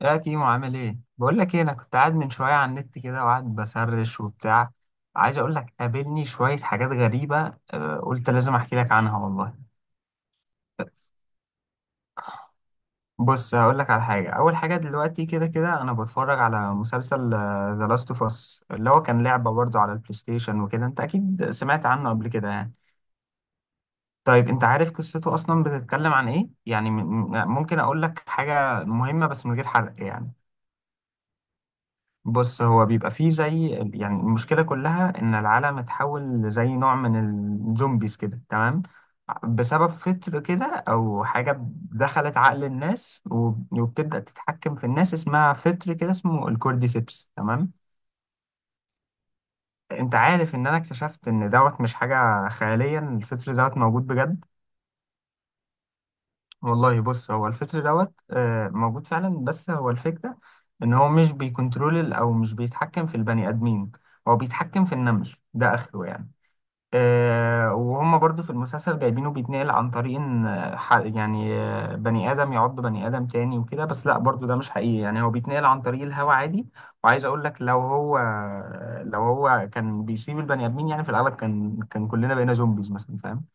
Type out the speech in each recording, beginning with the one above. يا كيمو عامل ايه؟ بقول لك ايه، انا كنت قاعد من شويه على النت كده وقاعد بسرش وبتاع. عايز اقول لك قابلني شويه حاجات غريبه قلت لازم احكي لك عنها والله. بص هقول لك على حاجه. اول حاجه دلوقتي كده انا بتفرج على مسلسل ذا لاست اوف اس، اللي هو كان لعبه برضه على البلاي ستيشن وكده. انت اكيد سمعت عنه قبل كده يعني. طيب انت عارف قصته اصلا بتتكلم عن ايه يعني؟ ممكن اقول لك حاجه مهمه بس من غير حرق يعني. بص هو بيبقى فيه زي، يعني المشكلة كلها إن العالم اتحول لزي نوع من الزومبيز كده، تمام؟ بسبب فطر كده أو حاجة دخلت عقل الناس وبتبدأ تتحكم في الناس، اسمها فطر كده اسمه الكورديسيبس، تمام. أنت عارف إن أنا اكتشفت إن دوت مش حاجة خيالية، إن الفطر دوت موجود بجد والله. بص هو الفطر دوت موجود فعلا، بس هو الفكرة ان هو مش بيكنترول او مش بيتحكم في البني ادمين، هو بيتحكم في النمل، ده اخره يعني. وهم برضو في المسلسل جايبينه بيتنقل عن طريق ان بني ادم يعض بني ادم تاني وكده، بس لا، برضو ده مش حقيقي، يعني هو بيتنقل عن طريق الهوا عادي. وعايز اقول لك، لو هو كان بيسيب البني ادمين، يعني في الاغلب كان كلنا بقينا زومبيز مثلا، فاهم؟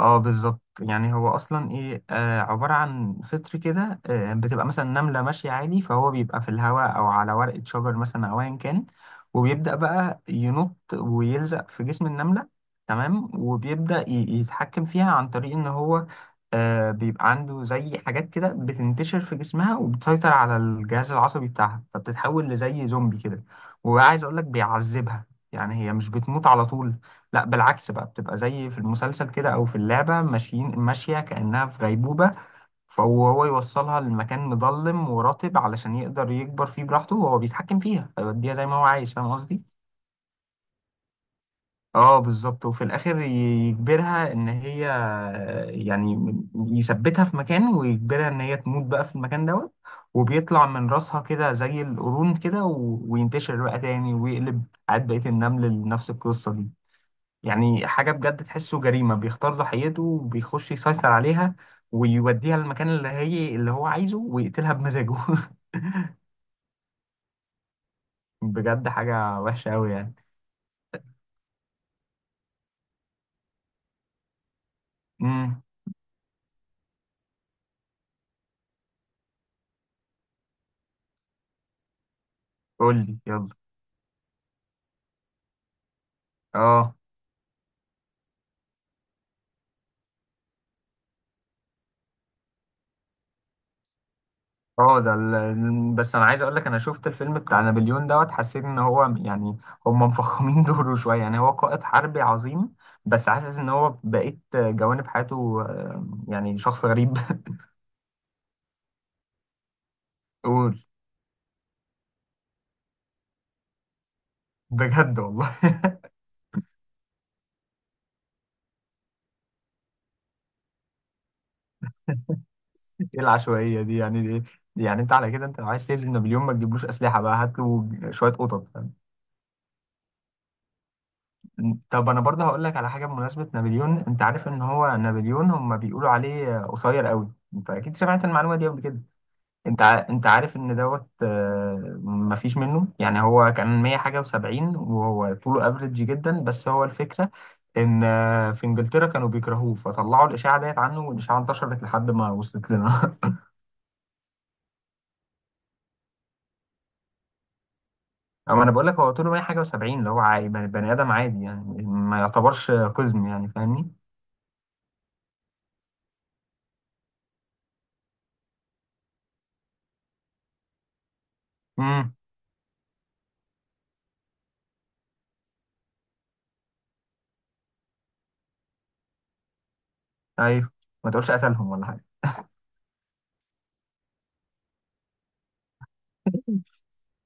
اه بالظبط. يعني هو اصلا ايه، عباره عن فطر كده، بتبقى مثلا نمله ماشيه عادي، فهو بيبقى في الهواء او على ورقه شجر مثلا او ايا كان، وبيبدا بقى ينط ويلزق في جسم النمله، تمام. وبيبدا يتحكم فيها عن طريق ان هو بيبقى عنده زي حاجات كده بتنتشر في جسمها وبتسيطر على الجهاز العصبي بتاعها، فبتتحول لزي زومبي كده. وعايز اقول لك بيعذبها، يعني هي مش بتموت على طول، لا بالعكس بقى، بتبقى زي في المسلسل كده او في اللعبه ماشيه كانها في غيبوبه، فهو يوصلها لمكان مظلم ورطب علشان يقدر يكبر فيه براحته وهو بيتحكم فيها فيوديها زي ما هو عايز، فاهم قصدي؟ اه بالظبط. وفي الاخر يجبرها ان هي، يعني يثبتها في مكان ويجبرها ان هي تموت بقى في المكان دوت، وبيطلع من راسها كده زي القرون كده وينتشر بقى تاني ويقلب عاد بقية النمل لنفس القصة دي. يعني حاجة بجد تحسه جريمة، بيختار ضحيته وبيخش يسيطر عليها ويوديها للمكان اللي هي اللي هو عايزه ويقتلها بمزاجه. بجد حاجة وحشة أوي يعني. امم. قول لي يلا. اه. اه ده بس انا عايز اقول لك، انا شفت الفيلم بتاع نابليون دوت، حسيت ان هو يعني هم مفخمين دوره شويه. يعني هو قائد حربي عظيم، بس حاسس ان هو بقيت جوانب حياته يعني شخص غريب. قول. بجد والله؟ ايه العشوائيه دي يعني؟ دي يعني انت على كده، انت لو عايز تهزم نابليون ما تجيبلوش اسلحه بقى، هات له شويه قطط، فاهم؟ طب انا برضه هقول لك على حاجه بمناسبه نابليون. انت عارف ان هو نابليون هم بيقولوا عليه قصير قوي؟ انت اكيد سمعت المعلومه دي قبل كده. انت عارف ان دوت مفيش منه. يعني هو كان 100 حاجه و70، وهو طوله افريج جدا. بس هو الفكره ان في انجلترا كانوا بيكرهوه، فطلعوا الاشاعه ديت عنه، والاشاعه انتشرت لحد ما وصلت لنا. اما انا بقول لك هو طوله 100 حاجه و70، اللي هو عادي، بني ادم عادي، يعني ما يعتبرش قزم يعني، فاهمني؟ امم. ايوه. ما تقولش قتلهم ولا حاجه.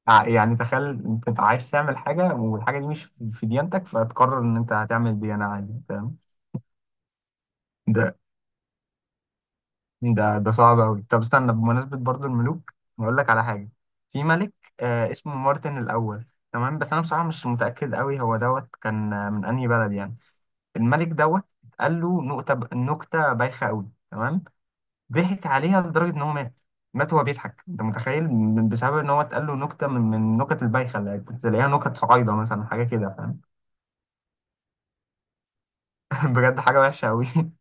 يعني تخيل انت تبقى عايز تعمل حاجه، والحاجه دي مش في ديانتك، فتقرر ان انت هتعمل ديانه، عادي، فاهم؟ ده ده صعب قوي. طب استنى، بمناسبه برضو الملوك هقول لك على حاجه. في ملك آه اسمه مارتن الاول، تمام؟ بس انا بصراحه مش متاكد قوي هو دوت كان من انهي بلد يعني. الملك دوت قال له نكته، نكته بايخه قوي، تمام؟ ضحك عليها لدرجة إن هو مات. مات وهو بيضحك، أنت متخيل بسبب إن هو اتقال له نكتة، من النكت البايخة اللي كنت تلاقيها، نكت صعايدة مثلا، حاجة كده، فاهم؟ بجد حاجة وحشة أوي.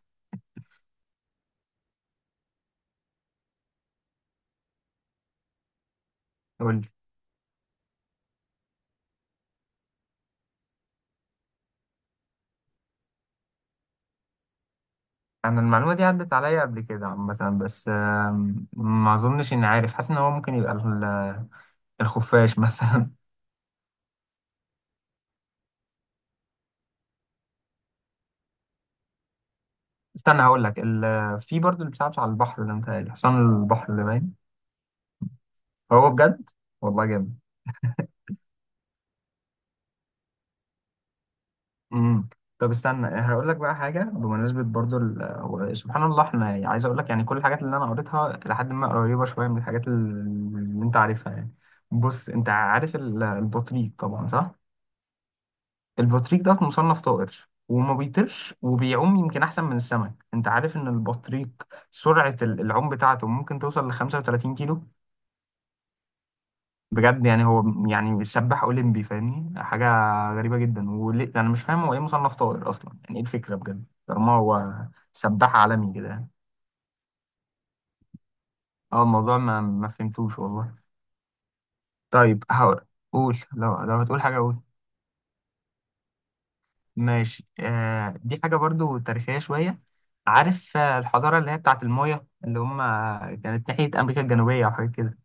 قول لي. أنا المعلومة دي عدت عليا قبل كده عامة، بس ما أظنش إني عارف. حاسس إن هو ممكن يبقى الخفاش مثلا. استنى هقول لك في برضه اللي بتلعبش على البحر ده، متهيألي حصان البحر اللي باين. هو بجد؟ والله جامد. امم. طب استنى هقول لك بقى حاجه بمناسبه برضو سبحان الله، احنا يعني، عايز اقول لك يعني كل الحاجات اللي انا قريتها لحد ما قريبه شويه من الحاجات اللي انت عارفها يعني. بص انت عارف البطريق طبعا، صح؟ البطريق ده مصنف طائر، وما بيطيرش، وبيعوم يمكن احسن من السمك. انت عارف ان البطريق سرعه العوم بتاعته ممكن توصل ل 35 كيلو. بجد، يعني هو يعني سباح اولمبي، فاهمني؟ حاجه غريبه جدا، وليه انا مش فاهم هو ايه مصنف طائر اصلا يعني؟ ايه الفكره بجد طالما هو سباح عالمي كده؟ اه الموضوع ما فهمتوش والله. طيب هقول. قول، لو لو هتقول حاجه قول. ماشي. آه دي حاجه برضو تاريخيه شويه. عارف الحضاره اللي هي بتاعت المايا، اللي هم كانت ناحيه امريكا الجنوبيه او حاجه كده.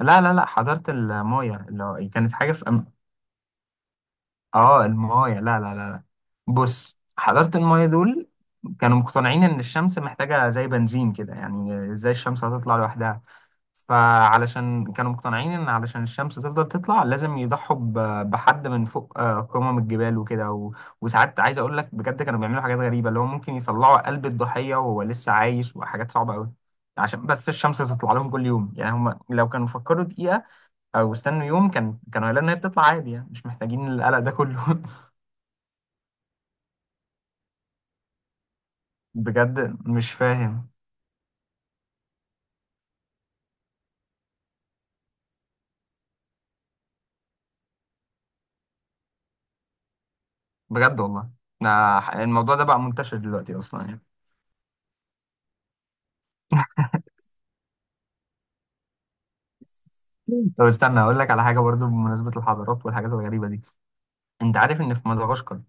لا حضاره المايا، اللي هو كانت حاجه في. اه المايه لا. بص حضارة المايه دول كانوا مقتنعين ان الشمس محتاجة زي بنزين كده. يعني ازاي الشمس هتطلع لوحدها؟ فعلشان كانوا مقتنعين ان علشان الشمس تفضل تطلع لازم يضحوا بحد من فوق قمم الجبال وكده، وساعات عايز اقول لك بجد كانوا بيعملوا حاجات غريبة، اللي هو ممكن يطلعوا قلب الضحية وهو لسه عايش، وحاجات صعبة قوي، عشان بس الشمس تطلع لهم كل يوم. يعني هم لو كانوا فكروا دقيقة او استنوا يوم كان كانوا هيلاقوا ان هي بتطلع عادي، يعني مش محتاجين القلق ده كله. بجد مش فاهم. بجد والله. الموضوع ده بقى منتشر دلوقتي اصلا يعني. طب استنى اقول لك على حاجه برضو بمناسبه الحضارات والحاجات الغريبه دي. انت عارف ان في مدغشقر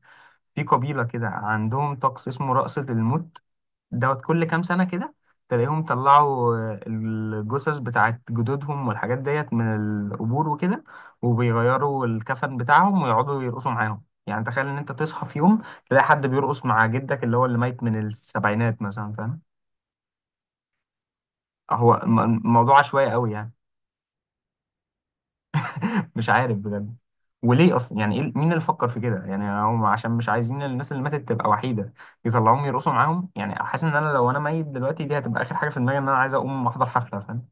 في قبيله كده عندهم طقس اسمه رقصه الموت؟ دوت كل كام سنه كده تلاقيهم طلعوا الجثث بتاعت جدودهم والحاجات ديت من القبور وكده، وبيغيروا الكفن بتاعهم ويقعدوا يرقصوا معاهم. يعني تخيل ان انت تصحى في يوم تلاقي حد بيرقص مع جدك اللي هو اللي ميت من السبعينات مثلا، فاهم؟ هو الموضوع عشوائي قوي يعني. مش عارف بجد. وليه اصلا يعني؟ إيه مين اللي فكر في كده يعني؟ هم عشان مش عايزين الناس اللي ماتت تبقى وحيده يطلعوهم يرقصوا معاهم يعني. حاسس ان انا لو انا ميت دلوقتي دي هتبقى اخر حاجه في دماغي ان انا عايز اقوم احضر حفله، فاهم؟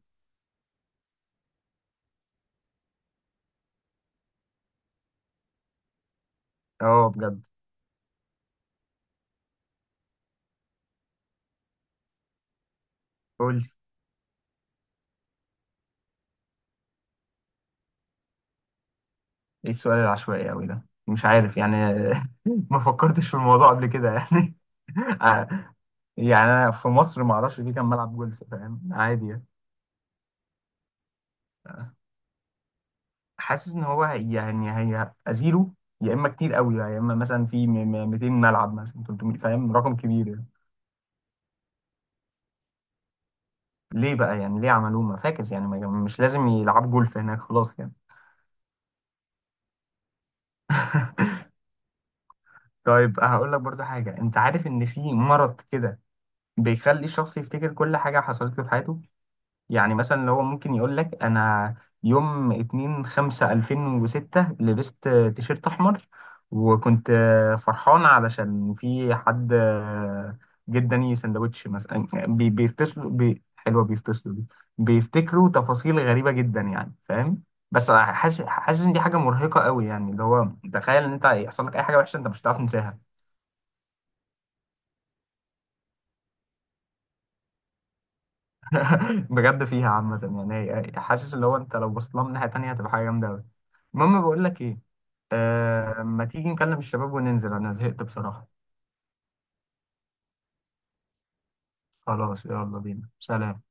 اه بجد. قول لي. ايه السؤال العشوائي قوي ده؟ مش عارف يعني. ما فكرتش في الموضوع قبل كده يعني. يعني انا في مصر ما اعرفش في كام ملعب جولف، فاهم؟ عادي يعني. حاسس ان هو يعني هيبقى زيرو، يا اما كتير قوي بقى، يا اما مثلا في 200 ملعب مثلا، 300، فاهم؟ رقم كبير يعني. ليه بقى يعني؟ ليه عملوه؟ ما فاكس يعني، مش لازم يلعب جولف هناك خلاص يعني. طيب هقول لك برضو حاجه. انت عارف ان في مرض كده بيخلي الشخص يفتكر كل حاجه حصلت له في حياته؟ يعني مثلا اللي هو ممكن يقول لك انا يوم 2 5 2006 لبست تيشيرت احمر، وكنت فرحان علشان في حد جه اداني سندوتش مثلا يعني. بيفتصلوا بي حلوه بيفتصلوا دي، بيفتكروا تفاصيل غريبه جدا يعني، فاهم؟ بس حاسس، حاسس ان دي حاجه مرهقه قوي يعني، اللي هو تخيل ان انت يحصل لك اي حاجه وحشه انت مش هتعرف تنساها. بجد فيها عامة. يعني حاسس اللي هو انت لو بصيت لها من ناحية تانية هتبقى حاجة جامدة أوي. المهم بقول لك ايه، آه ما تيجي نكلم الشباب وننزل، انا زهقت بصراحة. خلاص يلا بينا، سلام.